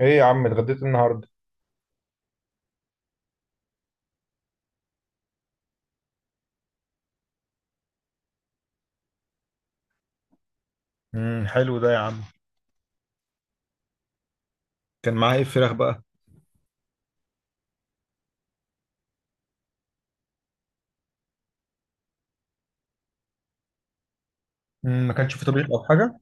ايه يا عم، اتغديت النهارده؟ حلو ده يا عم. كان معاه ايه الفراخ بقى؟ ما كانش في طبيخ او حاجه؟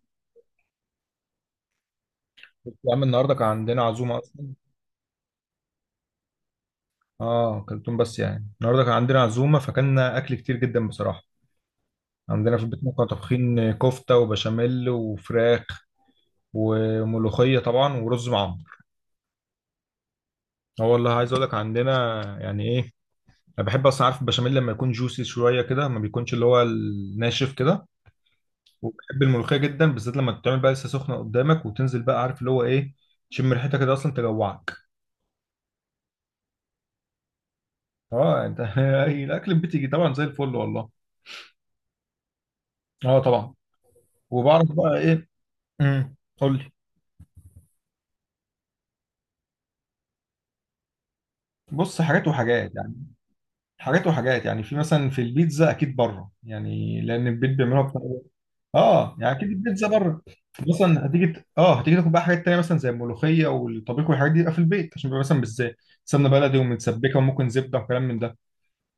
بس يا عم، النهارده كان عندنا عزومه اصلا. اه كلتهم، بس يعني النهارده كان عندنا عزومه فكلنا اكل كتير جدا بصراحه. عندنا في البيت كنا طابخين كفته وبشاميل وفراخ وملوخيه طبعا ورز معمر. اه والله عايز اقول لك، عندنا... يعني ايه. انا بحب اصلا، عارف، البشاميل لما يكون جوسي شويه كده، ما بيكونش اللي هو الناشف كده. وبحب الملوخيه جدا، بالذات لما تتعمل بقى لسه سخنه قدامك وتنزل بقى، عارف اللي هو ايه. تشم ريحتها كده اصلا تجوعك. اه انت أي الاكل بتيجي طبعا زي الفل والله. اه طبعا. وبعرف بقى ايه. قول لي. بص، حاجات وحاجات يعني. حاجات وحاجات يعني، في مثلا، في البيتزا اكيد بره يعني، لان البيت بيعملوها بطريقه. اه يعني اكيد البيتزا بره. مثلا هتيجي هتيجي تاكل بقى حاجات تانية، مثلا زي الملوخيه والطبيخ والحاجات دي، يبقى في البيت عشان بيبقى مثلا بالذات سمنه بلدي ومتسبكه وممكن زبده وكلام من ده.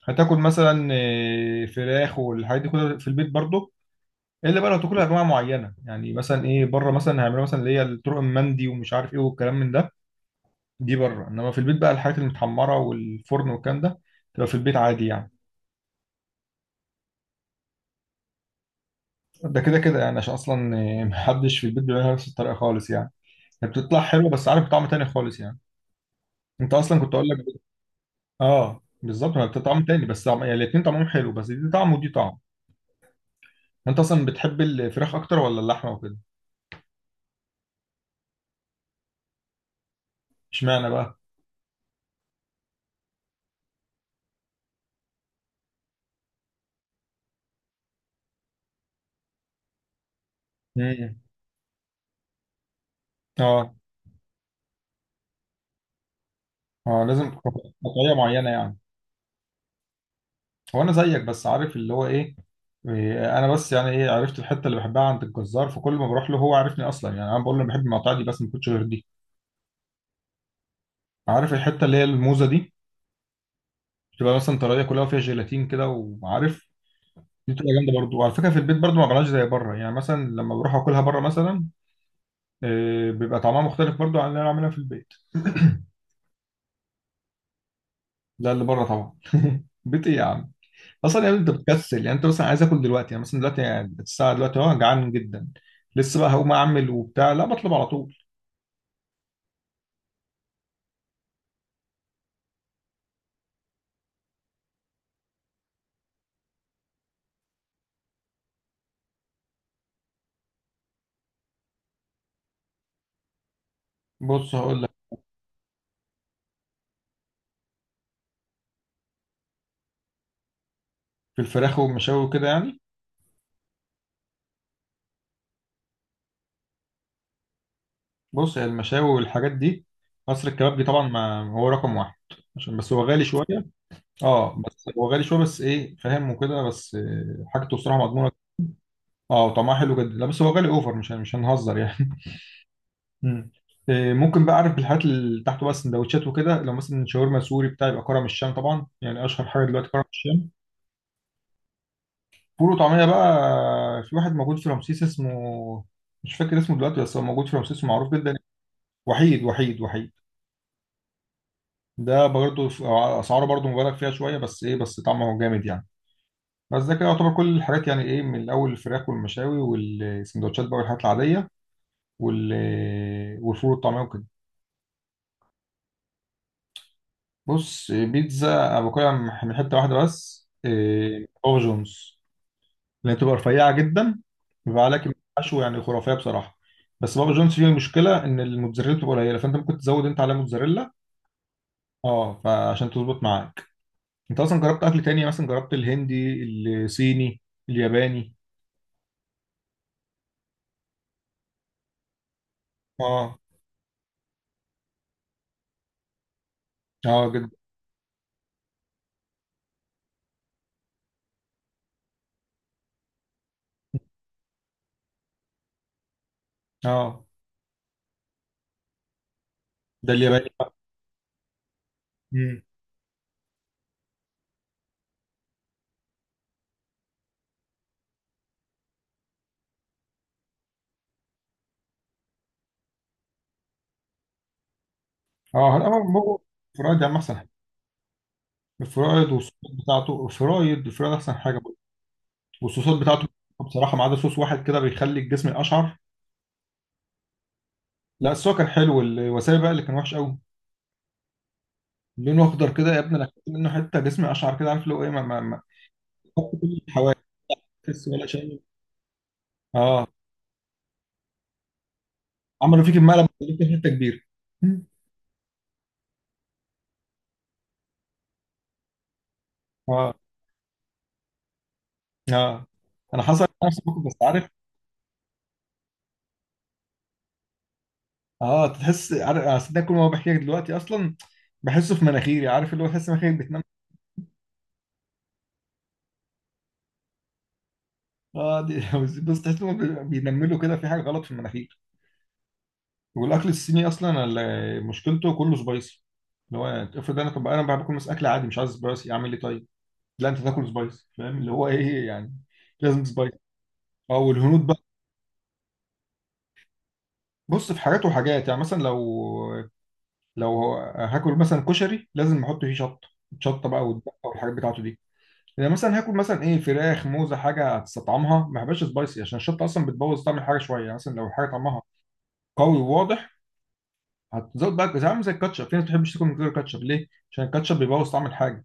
هتاكل مثلا فراخ والحاجات دي كلها في البيت برضه. الا بقى لو تاكلها انواع معينه، يعني مثلا ايه، بره مثلا هيعملوا مثلا اللي هي الطرق المندي ومش عارف ايه والكلام من ده. دي بره، انما في البيت بقى الحاجات المتحمره والفرن والكلام ده تبقى في البيت عادي يعني. ده كده كده يعني، عشان اصلا محدش في البيت بيعملها نفس الطريقه خالص يعني. هي بتطلع حلوه بس عارف طعم تاني خالص يعني. انت اصلا كنت اقول لك. اه بالظبط، هي بتطعم تاني، بس طعم يعني، الاتنين طعمهم حلو بس دي طعم ودي طعم. انت اصلا بتحب الفراخ اكتر ولا اللحمه وكده؟ اشمعنى بقى؟ مم. اه. اه لازم. قطعية معينة يعني. هو انا زيك، بس عارف اللي هو ايه. إيه، انا بس يعني ايه، عرفت الحتة اللي بحبها عند الجزار، فكل ما بروح له هو عارفني اصلا، يعني انا بقول له أنا بحب المقاطع دي بس، ما كنتش غير دي. عارف الحتة اللي هي الموزة دي. بتبقى مثلا طرية كلها وفيها جيلاتين كده، وعارف. دي بتبقى جامدة برضو، وعلى فكرة في البيت برضو ما بعملهاش زي بره، يعني مثلا لما بروح اكلها بره مثلا. إيه بيبقى طعمها مختلف برضو عن اللي انا عاملها في البيت. لا، اللي بره طبعا. بيت ايه يا عم؟ اصلا يعني انت بتكسل، يعني انت مثلا عايز اكل دلوقتي، يعني مثلا دلوقتي، يعني الساعه دلوقتي جعان جدا. لسه بقى هقوم اعمل وبتاع؟ لا، بطلب على طول. بص هقول لك. في الفراخ والمشاوي وكده يعني. بص، هي المشاوي والحاجات دي، مصر الكبابجي طبعا، ما هو رقم واحد. عشان بس هو غالي شويه. اه بس هو غالي شويه، بس ايه فاهم وكده، بس حاجته بصراحه مضمونه. اه وطعمها حلو جدا. لا بس هو غالي اوفر، مش هنهزر يعني. مم. إيه، ممكن بقى اعرف بالحاجات اللي تحته بقى، السندوتشات وكده. لو مثلا شاورما سوري بتاع، يبقى كرم الشام طبعا، يعني اشهر حاجه دلوقتي كرم الشام. فول وطعميه بقى. في واحد موجود في رمسيس اسمه... مش فاكر اسمه دلوقتي، بس هو موجود في رمسيس ومعروف جدا. وحيد، وحيد، وحيد. ده برضه في... اسعاره برضه مبالغ فيها شويه، بس ايه، بس طعمه جامد يعني. بس ده كده يعتبر كل الحاجات، يعني ايه، من الاول الفراخ والمشاوي والسندوتشات بقى والحاجات العاديه، وال... والفول والطعميه وكده. بص بيتزا أنا باكلها من حتة واحدة بس، إيه، بابا جونز. لأن بتبقى رفيعة جدا. بيبقى عليك حشو، يعني خرافية بصراحة. بس بابا جونز فيه مشكلة، إن الموتزاريلا بتبقى قليلة، فأنت ممكن تزود أنت عليها موتزاريلا. أه فعشان تظبط معاك. أنت أصلا جربت أكل تاني؟ مثلا جربت الهندي؟ الصيني؟ الياباني؟ أه. أه جدا. أه ده الياباني بقى. مم. أه هلا، هو... فرايد يا عم، أحسن حاجة. الفرايد والصوص بتاعته. الفرايد الفرايد أحسن حاجة. والصوصات بتاعته. بصراحه ما عدا صوص واحد كده بيخلي الجسم اشعر. لا، السوا كان حلو، الوسابي بقى اللي كان وحش قوي. لونه اخضر كده يا ابني، انا اكلت منه حته، جسمي اشعر كده، عارف اللي هو ايه، ما حط كل الحواجز. تحس ولا شيء. اه. عملوا فيك المقلب، خليك حته كبيره. اه. اه، انا حصل نفس الموقف، بس عارف. اه تحس، عارف، أنا أصل ده كل ما بحكي لك دلوقتي اصلا، بحسه في مناخيري، عارف اللي هو، تحس مناخيرك بتنم. اه دي بس تحس إنه بينملوا كده، في حاجه غلط في المناخير. والاكل الصيني اصلا، مشكلته كله سبايسي. اللي هو... افرض انا، طب انا باكل مثلا اكل عادي مش عايز سبايسي، اعمل ايه طيب؟ لا انت تاكل سبايسي، فاهم اللي هو ايه يعني. لازم سبايسي. اه والهنود بقى. بص، في حاجات وحاجات يعني، مثلا لو هاكل مثلا كشري لازم احط فيه شطه. شطه بقى والدقه والحاجات بتاعته دي. يعني مثلا هاكل مثلا ايه، فراخ موزه، حاجه هتستطعمها، ما بحبش سبايسي عشان الشطه اصلا بتبوظ طعم الحاجه شويه، يعني مثلا لو حاجه طعمها قوي وواضح، هتزود بقى، زي عامل زي الكاتشب، في ناس ما بتحبش تاكل من غير كاتشب، ليه؟ عشان الكاتشب بيبوظ طعم الحاجه.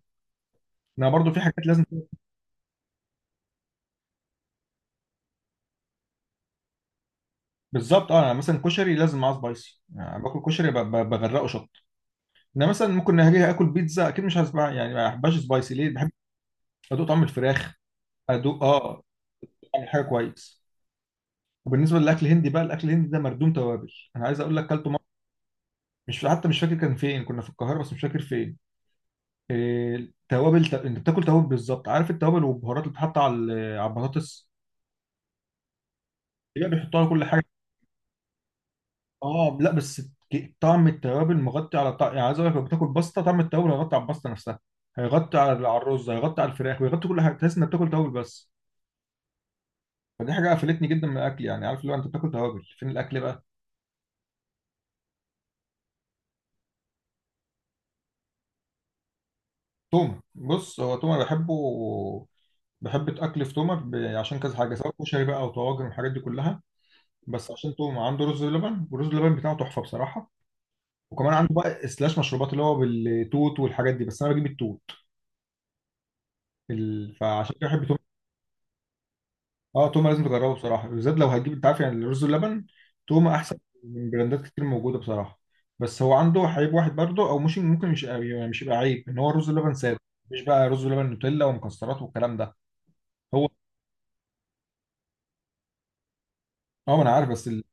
انا برضو في حاجات لازم. بالظبط، اه انا مثلا كشري لازم معاه سبايسي، يعني باكل كشري بغرقه شطه. انا مثلا ممكن اجي اكل بيتزا، اكيد مش هسبع يعني، ما بحبهاش سبايسي، ليه؟ بحب ادوق طعم الفراخ. ادوق اه طعم الحاجه كويس. وبالنسبه للاكل الهندي بقى، الاكل الهندي ده مردوم توابل، انا عايز اقول لك كلته مرة... مش، حتى مش فاكر كان فين، كنا في القاهره بس مش فاكر فين. إيه توابل انت بتاكل توابل بالظبط، عارف التوابل والبهارات اللي بتتحط على على البطاطس. يبقى بيحطوها على كل حاجه. اه لا بس طعم التوابل مغطي على طعم، يعني عايز اقول لك، لو بتاكل باستا طعم التوابل هيغطي على الباستا نفسها، هيغطي على الرز، هيغطي على الفراخ، ويغطي كل حاجه، تحس انك بتاكل توابل بس. فدي حاجه قفلتني جدا من الاكل يعني، عارف اللي هو، انت بتاكل توابل، فين الاكل بقى؟ تومه. بص هو تومه بحبه. بحب الاكل في تومه عشان كذا حاجه، سواء كشري بقى او طواجن والحاجات دي كلها. بس عشان تومه عنده رز بلبن، والرز بلبن بتاعه تحفه بصراحه. وكمان عنده بقى سلاش مشروبات اللي هو بالتوت والحاجات دي، بس انا بجيب التوت. فعشان كده بحب تومه. اه توما لازم تجربه بصراحه، بالذات لو هتجيب، انت عارف يعني الرز واللبن، توما احسن من براندات كتير موجوده بصراحه. بس هو عنده عيب واحد برضه، او مش ممكن مش يعني، مش يبقى عيب، ان هو الرز واللبن ساده. مش بقى رز ولبن نوتيلا ومكسرات والكلام ده. هو... اه ما انا عارف، بس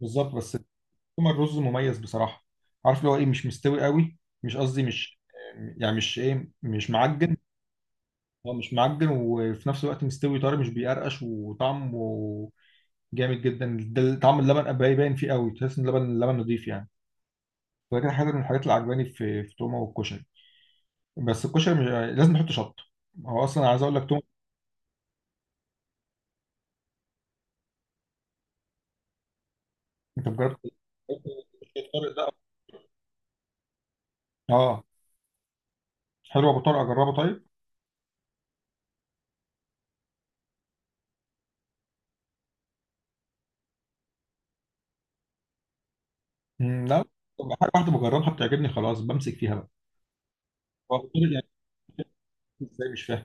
بالظبط بس. توما الرز مميز بصراحه، عارف اللي هو ايه، مش مستوي قوي، مش قصدي، مش يعني، مش ايه، مش معجن. هو مش معجن وفي نفس الوقت مستوي طري، مش بيقرقش، وطعمه جامد جدا. ده طعم اللبن باين فيه قوي، تحس ان اللبن نضيف يعني. ولكن حاجه من الحاجات اللي عجباني في تومه، والكشري. بس الكشري مش... لازم نحط شطه. هو اصلا عايز اقول لك تومه. انت مجرد الطارق ده؟ اه. حلو، ابو طارق اجربه طيب. مم، لا. طب حاجه واحده بجربها بتعجبني خلاص، بمسك فيها بقى. هو أبو طارق يعني؟ ازاي مش فاهم.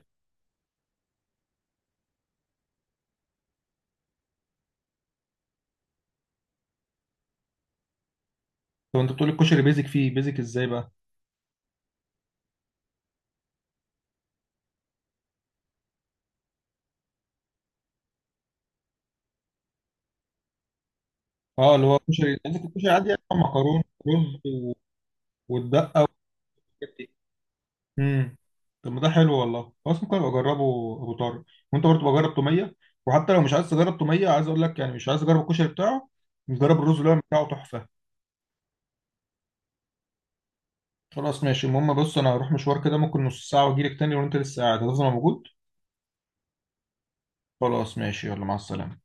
طب انت بتقول الكشري بيزك فيه، بيزك ازاي بقى؟ اه، اللي هو الكشري عندك الكشري عادي يعني، مكرونه ورز و... والدقه والحاجات دي. امم طب ما ده حلو والله، خلاص ممكن ابقى اجربه، ابو طارق. وانت برضه بجرب توميه، وحتى لو مش عايز تجرب توميه، عايز اقول لك يعني، مش عايز اجرب الكشري بتاعه، نجرب الرز اللي هو بتاعه تحفه. خلاص ماشي، المهم بص انا هروح مشوار كده ممكن نص ساعه واجيلك تاني، وانت لسه قاعد، هتفضل موجود؟ خلاص ماشي، يلا مع السلامه.